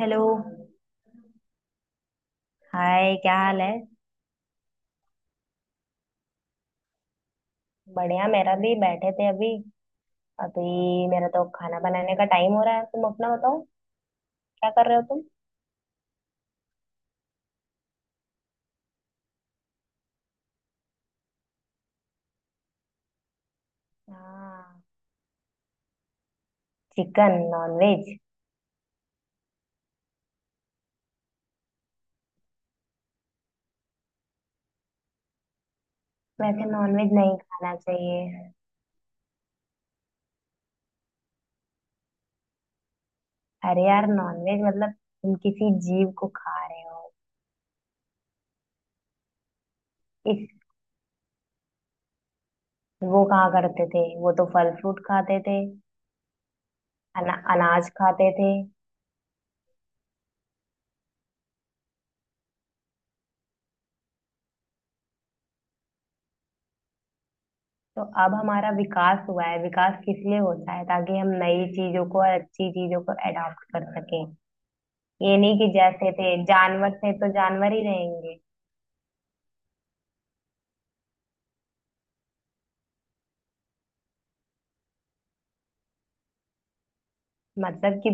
Hello. Hi, क्या हाल है? बढ़िया। मेरा भी बैठे थे अभी। अभी मेरा तो खाना बनाने का टाइम हो रहा है। तुम अपना बताओ, क्या कर रहे हो तुम? हाँ। Chicken, non veg? वैसे नॉनवेज नहीं खाना चाहिए। अरे यार, नॉनवेज मतलब तुम किसी जीव को खा रहे हो। इस वो कहाँ करते थे? वो तो फल फ्रूट खाते थे। अनाज खाते थे। तो अब हमारा विकास हुआ है। विकास किस लिए होता है? ताकि हम नई चीजों को और अच्छी चीजों को अडॉप्ट कर सकें। ये नहीं कि जैसे थे जानवर थे तो जानवर ही रहेंगे। मतलब कि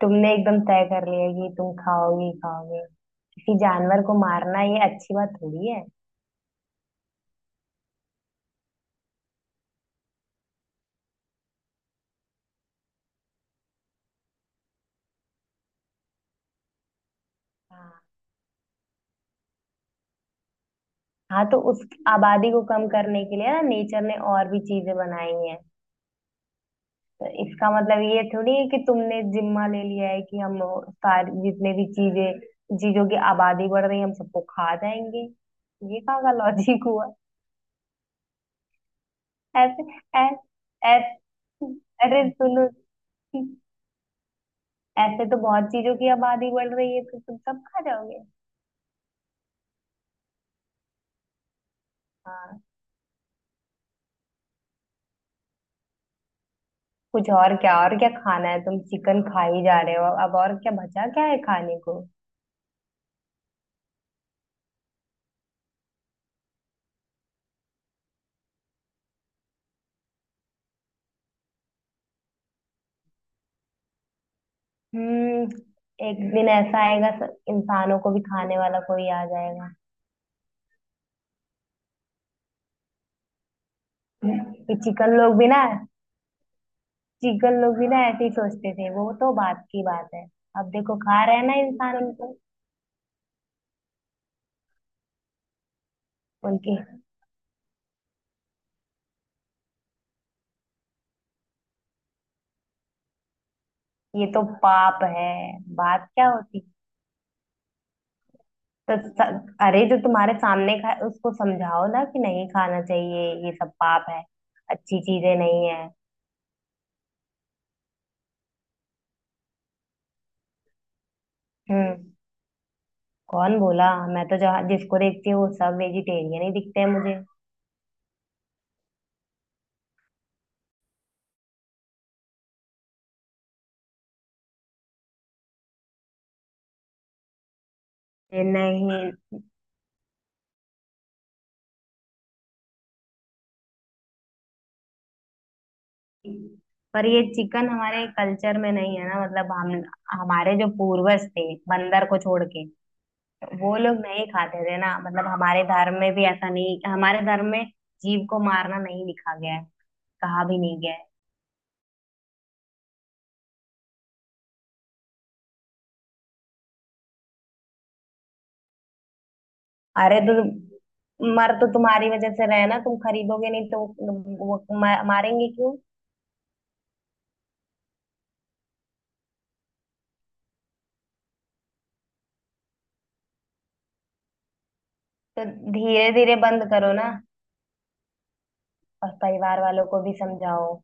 तुमने एकदम तय कर लिया कि तुम खाओगे ही खाओगे? किसी जानवर को मारना, ये अच्छी बात थोड़ी है। हाँ, हाँ, तो उस आबादी को कम करने के लिए ना, नेचर ने और भी चीजें बनाई हैं। तो इसका मतलब ये थोड़ी है कि तुमने जिम्मा ले लिया है कि हम सारी जितने भी चीजें चीजों की आबादी बढ़ रही है, हम सबको खा जाएंगे? ये कहाँ का लॉजिक हुआ? ऐसे, ऐसे, ऐसे। अरे सुनो। ऐसे तो बहुत चीजों की आबादी बढ़ रही है, फिर तुम सब खा जाओगे। हाँ। कुछ और क्या? और क्या खाना है, तुम चिकन खा ही जा रहे हो, अब और क्या बचा क्या है खाने को? हम्म। एक दिन ऐसा आएगा इंसानों को भी खाने वाला कोई आ जाएगा कि चिकन लोग भी ना, ऐसे ही सोचते थे, वो तो बात की बात है। अब देखो, खा रहे हैं ना इंसान उनको। उनके ये तो पाप है। बात क्या होती? तो अरे, जो तुम्हारे सामने खाए उसको समझाओ ना कि नहीं खाना चाहिए, ये सब पाप है। अच्छी चीजें नहीं है। हम्म। कौन बोला? मैं तो जहाँ जिसको देखती हूँ वो सब वेजिटेरियन ही दिखते हैं मुझे। ये नहीं पर ये चिकन हमारे कल्चर में नहीं है ना, मतलब हम हमारे जो पूर्वज थे, बंदर को छोड़ के वो लोग नहीं खाते थे ना, मतलब हमारे धर्म में भी ऐसा नहीं, हमारे धर्म में जीव को मारना नहीं लिखा गया है। कहा भी नहीं गया है। अरे तो मर तो तुम्हारी वजह से रहे ना, तुम खरीदोगे नहीं तो वो मारेंगे क्यों? तो धीरे धीरे बंद करो ना। और परिवार वालों को भी समझाओ।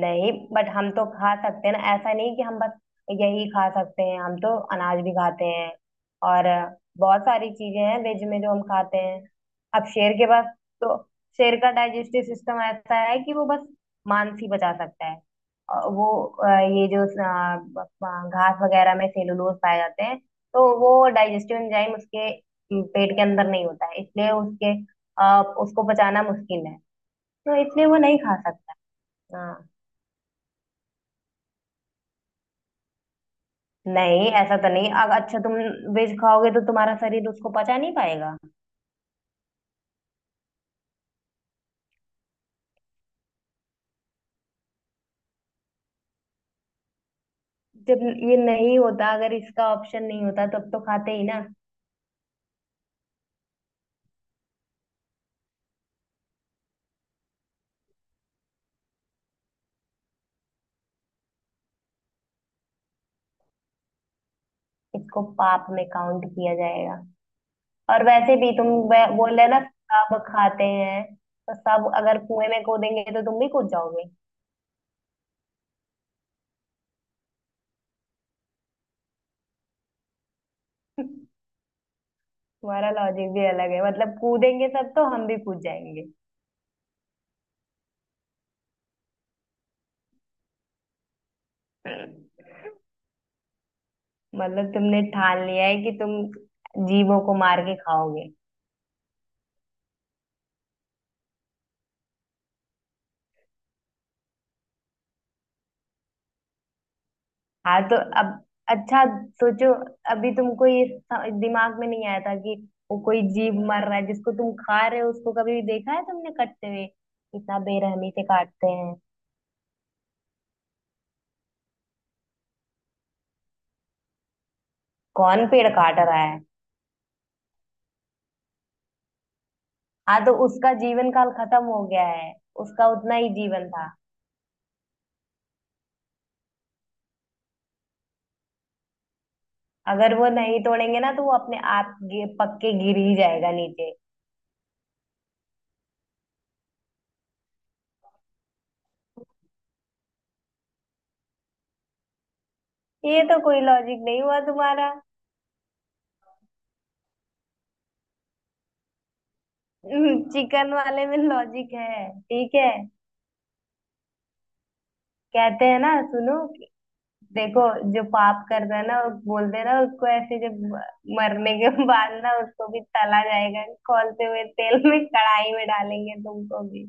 नहीं, बट हम तो खा सकते हैं ना, ऐसा नहीं कि हम बस यही खा सकते हैं, हम तो अनाज भी खाते हैं। और बहुत सारी चीजें हैं वेज में जो हम खाते हैं। अब शेर के पास तो शेर का डाइजेस्टिव सिस्टम ऐसा है कि वो बस मांस ही पचा सकता है। और वो ये जो घास वगैरह में सेलुलोज पाए जाते हैं, तो वो डाइजेस्टिव एंजाइम उसके पेट के अंदर नहीं होता है, इसलिए उसको पचाना मुश्किल है। तो इसलिए वो नहीं खा सकता। हाँ। नहीं, ऐसा तो नहीं। अगर अच्छा तुम वेज खाओगे तो तुम्हारा शरीर उसको पचा नहीं पाएगा। जब ये नहीं होता, अगर इसका ऑप्शन नहीं होता तब तो खाते ही ना। इसको पाप में काउंट किया जाएगा। और वैसे भी तुम बोल रहे ना, सब खाते हैं तो सब, अगर कुएं में कूदेंगे तो तुम भी कूद जाओगे? तुम्हारा लॉजिक भी अलग है, मतलब कूदेंगे सब तो हम भी कूद जाएंगे। मतलब तुमने ठान लिया है कि तुम जीवों को मार के खाओगे। हाँ तो अब, अच्छा, सोचो, अभी तुमको ये दिमाग में नहीं आया था कि वो कोई जीव मर रहा है जिसको तुम खा रहे हो? उसको कभी देखा है तुमने कटते हुए? कितना बेरहमी से काटते हैं। कौन पेड़ काट रहा है? हाँ तो उसका जीवन काल खत्म हो गया है, उसका उतना ही जीवन था। अगर वो नहीं तोड़ेंगे ना तो वो अपने आप पक्के गिर ही जाएगा नीचे। ये तो कोई लॉजिक नहीं हुआ तुम्हारा। चिकन वाले में लॉजिक है, ठीक है। कहते हैं ना, सुनो, देखो, जो पाप करता है ना वो बोल देना उसको, ऐसे जब मरने के बाद ना उसको भी तला जाएगा। खोलते हुए तेल में कढ़ाई में डालेंगे तुमको भी।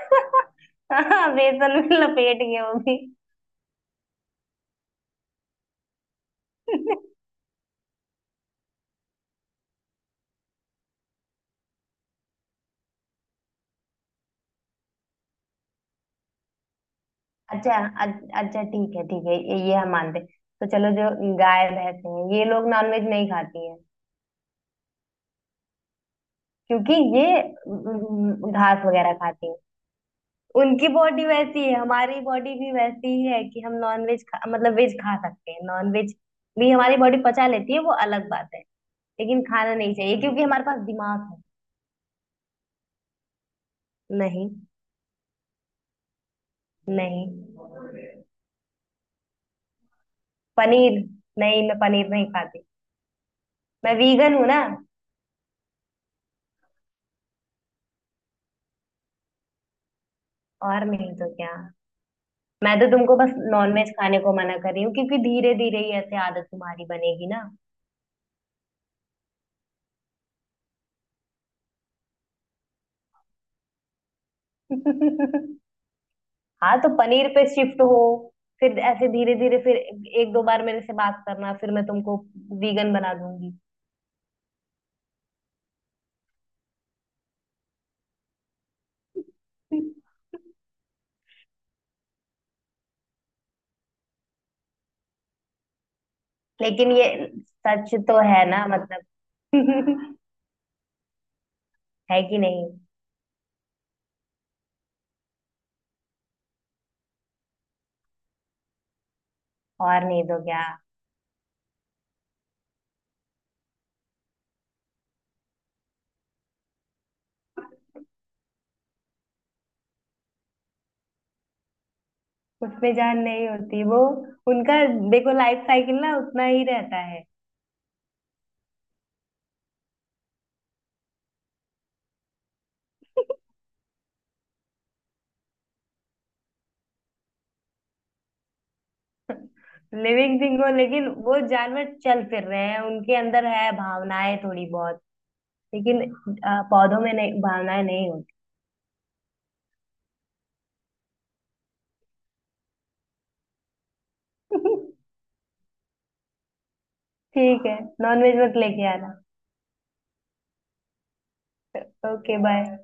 हाँ, बेसन में लपेट के वो भी। अच्छा, अ- अच्छा, ठीक है, ठीक है, ये हम मानते हैं। तो चलो, जो गाय भैंस हैं ये लोग नॉनवेज नहीं खाती हैं क्योंकि ये घास वगैरह खाती हैं। उनकी बॉडी वैसी है, हमारी बॉडी भी वैसी ही है कि हम नॉन वेज खा मतलब वेज खा सकते हैं, नॉन वेज भी हमारी बॉडी पचा लेती है, वो अलग बात है। लेकिन खाना नहीं चाहिए क्योंकि हमारे पास दिमाग है। नहीं। नहीं। पनीर। नहीं, मैं पनीर नहीं खाती। मैं वीगन हूं ना। और नहीं तो क्या। मैं तो तुमको बस नॉन वेज खाने को मना कर रही हूँ क्योंकि धीरे धीरे ही ऐसे आदत तुम्हारी बनेगी ना। हाँ, तो पनीर पे शिफ्ट हो। फिर ऐसे धीरे धीरे, फिर एक दो बार मेरे से बात करना, फिर मैं तुमको वीगन बना दूंगी। लेकिन ये सच तो है ना, मतलब। है कि नहीं? और नहीं तो क्या। उसमें जान नहीं होती, वो उनका देखो लाइफ साइकिल ना उतना ही रहता है। लिविंग थिंग हो, लेकिन वो जानवर चल फिर रहे हैं, उनके अंदर है भावनाएं थोड़ी बहुत, लेकिन पौधों में नहीं, भावनाएं नहीं होती। ठीक है, नॉनवेज मत लेके आना। Okay, bye.